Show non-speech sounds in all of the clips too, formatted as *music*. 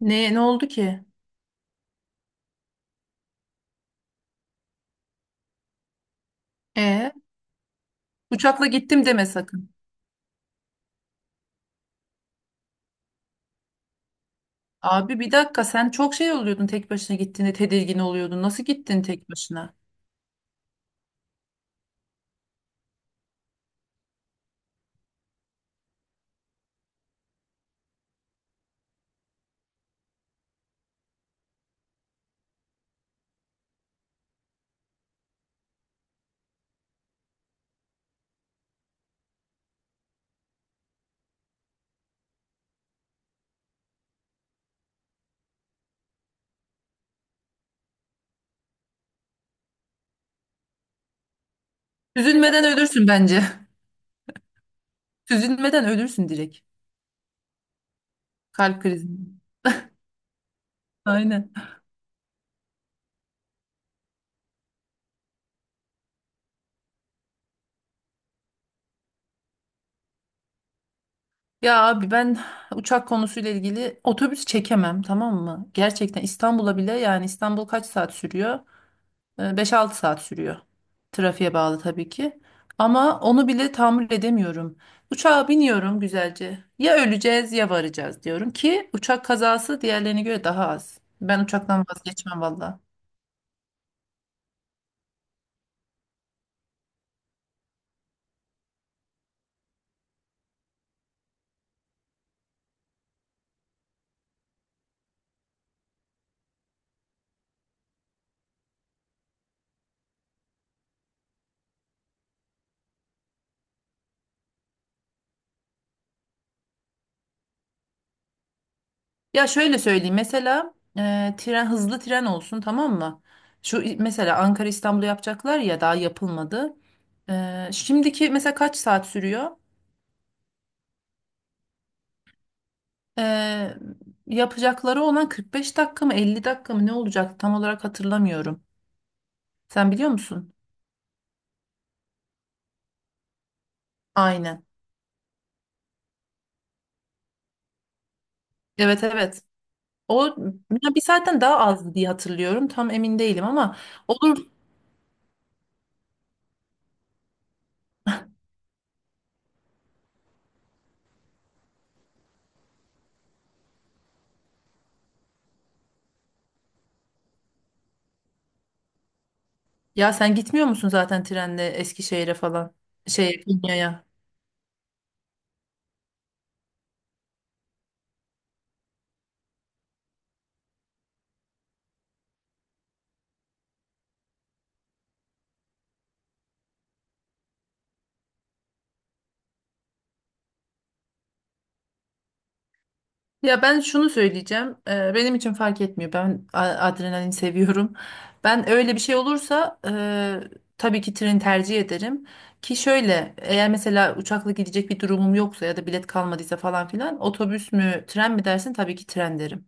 Ne oldu ki? E, Uçakla gittim deme sakın. Abi bir dakika, sen çok şey oluyordun, tek başına gittiğinde tedirgin oluyordun. Nasıl gittin tek başına? Üzülmeden ölürsün bence. *laughs* Üzülmeden ölürsün direkt. Kalp krizi. Aynen. Ya abi, ben uçak konusuyla ilgili otobüs çekemem, tamam mı? Gerçekten İstanbul'a bile, yani İstanbul kaç saat sürüyor? 5-6 saat sürüyor. Trafiğe bağlı tabii ki. Ama onu bile tahammül edemiyorum. Uçağa biniyorum güzelce. Ya öleceğiz ya varacağız diyorum ki, uçak kazası diğerlerine göre daha az. Ben uçaktan vazgeçmem valla. Ya şöyle söyleyeyim, mesela tren, hızlı tren olsun, tamam mı? Şu mesela Ankara İstanbul'u yapacaklar ya, daha yapılmadı. Şimdiki mesela kaç saat sürüyor? E, Yapacakları olan 45 dakika mı, 50 dakika mı, ne olacak tam olarak hatırlamıyorum. Sen biliyor musun? Aynen. Evet, evet. O, ya bir saatten daha azdı diye hatırlıyorum. Tam emin değilim ama olur. Ya sen gitmiyor musun zaten trenle Eskişehir'e falan? Şey, Konya'ya. Ya ben şunu söyleyeceğim. Benim için fark etmiyor. Ben adrenalin seviyorum. Ben öyle bir şey olursa tabii ki treni tercih ederim. Ki şöyle, eğer mesela uçakla gidecek bir durumum yoksa ya da bilet kalmadıysa falan filan, otobüs mü tren mi dersin, tabii ki tren derim.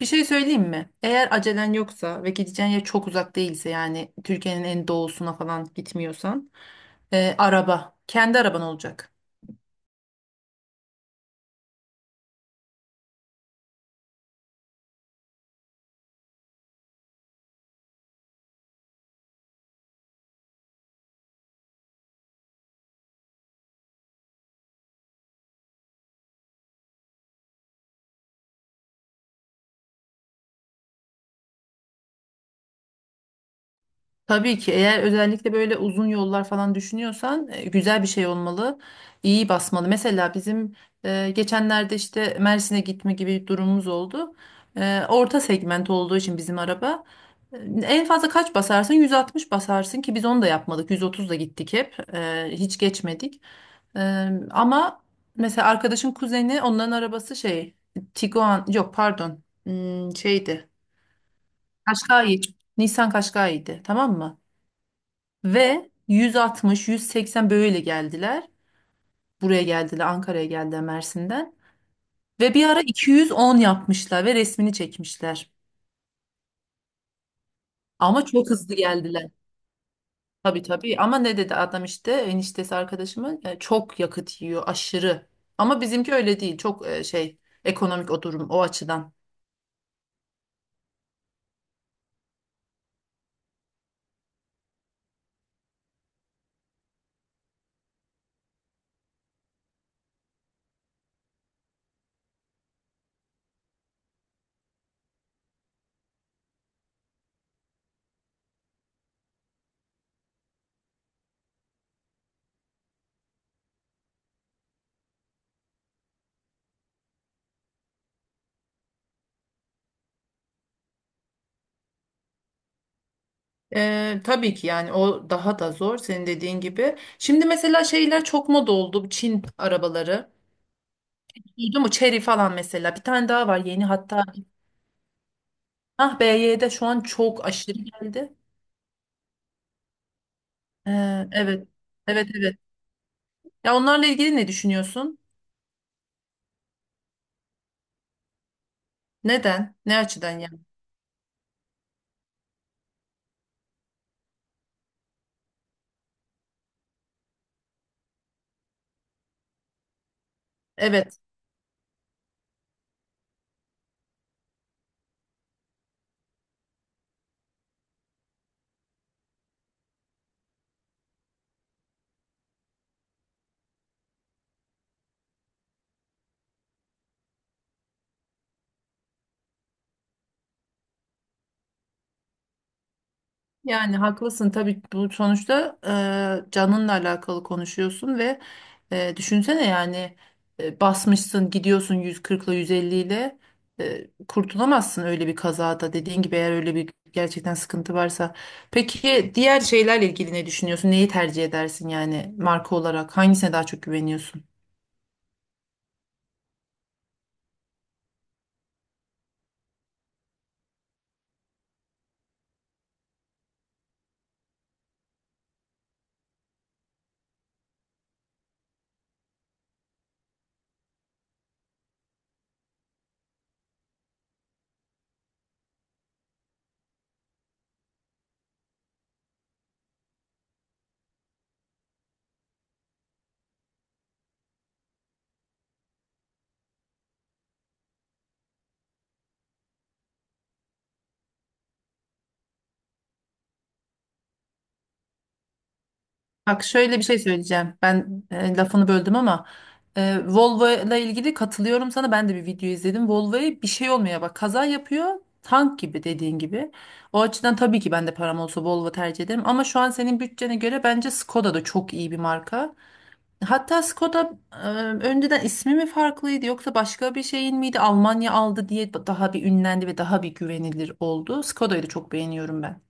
Bir şey söyleyeyim mi? Eğer acelen yoksa ve gideceğin yer çok uzak değilse, yani Türkiye'nin en doğusuna falan gitmiyorsan, araba. Kendi araban olacak. Tabii ki, eğer özellikle böyle uzun yollar falan düşünüyorsan, güzel bir şey olmalı. İyi basmalı. Mesela bizim geçenlerde işte Mersin'e gitme gibi bir durumumuz oldu. Orta segment olduğu için bizim araba. e, En fazla kaç basarsın? 160 basarsın ki biz onu da yapmadık. 130 da gittik hep. E, hiç geçmedik. Ama mesela arkadaşın kuzeni, onların arabası şey, Tiguan, yok pardon, şeydi, Kaşkai, Nissan Kaşkai'ydi, tamam mı? Ve 160, 180 böyle geldiler. Buraya geldiler, Ankara'ya geldiler Mersin'den. Ve bir ara 210 yapmışlar ve resmini çekmişler. Ama çok hızlı geldiler. Tabii, tabii, ama ne dedi adam, işte eniştesi arkadaşımın, çok yakıt yiyor aşırı. Ama bizimki öyle değil, çok şey, ekonomik o durum o açıdan. Tabii ki yani, o daha da zor, senin dediğin gibi. Şimdi mesela şeyler çok moda oldu, bu Çin arabaları. Duydun mu? Chery falan mesela. Bir tane daha var yeni hatta. Ah, BYD şu an çok aşırı geldi. Evet. Evet, evet. Ya onlarla ilgili ne düşünüyorsun? Neden? Ne açıdan yani? Evet. Yani haklısın tabii, bu sonuçta canınla alakalı konuşuyorsun ve düşünsene yani, basmışsın gidiyorsun 140 ile 150 ile, kurtulamazsın öyle bir kazada, dediğin gibi, eğer öyle bir gerçekten sıkıntı varsa. Peki diğer şeylerle ilgili ne düşünüyorsun? Neyi tercih edersin yani marka olarak? Hangisine daha çok güveniyorsun? Bak şöyle bir şey söyleyeceğim. Ben lafını böldüm ama Volvo ile ilgili katılıyorum sana. Ben de bir video izledim. Volvo'ya bir şey olmuyor. Bak, kaza yapıyor. Tank gibi, dediğin gibi. O açıdan tabii ki ben de param olsa Volvo tercih ederim. Ama şu an senin bütçene göre bence Skoda da çok iyi bir marka. Hatta Skoda önceden ismi mi farklıydı yoksa başka bir şeyin miydi? Almanya aldı diye daha bir ünlendi ve daha bir güvenilir oldu. Skoda'yı da çok beğeniyorum ben.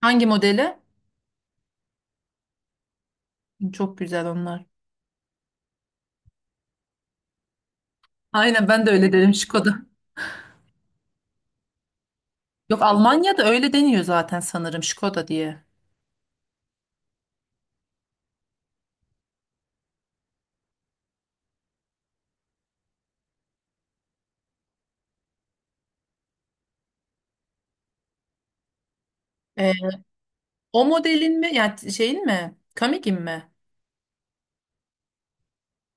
Hangi modeli? Çok güzel onlar. Aynen, ben de öyle dedim, Skoda. Yok, Almanya'da öyle deniyor zaten sanırım, Skoda diye. Ee, O modelin mi yani, şeyin mi? Kamig'in mi?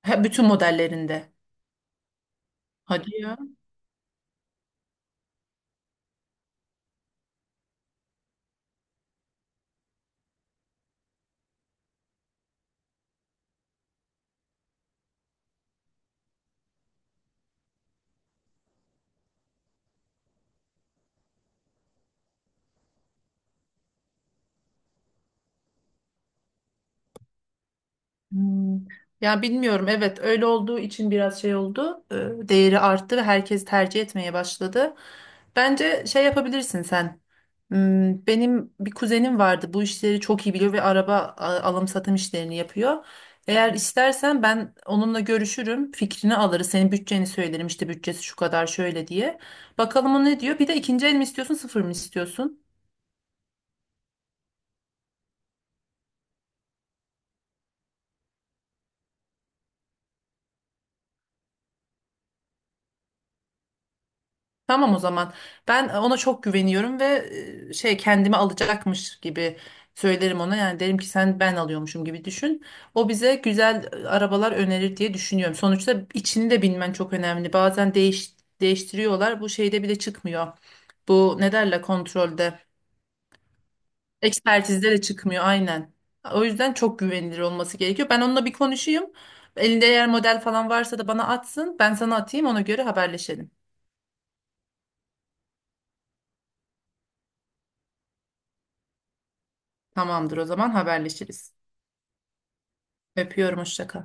Ha, bütün modellerinde. Hadi ya. Hmm. Ya bilmiyorum, evet öyle olduğu için biraz şey oldu. Değeri arttı ve herkes tercih etmeye başladı. Bence şey yapabilirsin sen. Benim bir kuzenim vardı, bu işleri çok iyi biliyor ve araba alım satım işlerini yapıyor. Eğer istersen ben onunla görüşürüm, fikrini alırız, senin bütçeni söylerim, işte bütçesi şu kadar şöyle diye. Bakalım o ne diyor, bir de ikinci el mi istiyorsun, sıfır mı istiyorsun? Tamam o zaman. Ben ona çok güveniyorum ve şey, kendimi alacakmış gibi söylerim ona. Yani derim ki sen, ben alıyormuşum gibi düşün. O bize güzel arabalar önerir diye düşünüyorum. Sonuçta içini de bilmen çok önemli. Bazen değiştiriyorlar. Bu şeyde bile çıkmıyor. Bu ne derler, kontrolde. Ekspertizde de çıkmıyor, aynen. O yüzden çok güvenilir olması gerekiyor. Ben onunla bir konuşayım. Elinde eğer model falan varsa da bana atsın. Ben sana atayım, ona göre haberleşelim. Tamamdır o zaman, haberleşiriz. Öpüyorum, hoşça kal.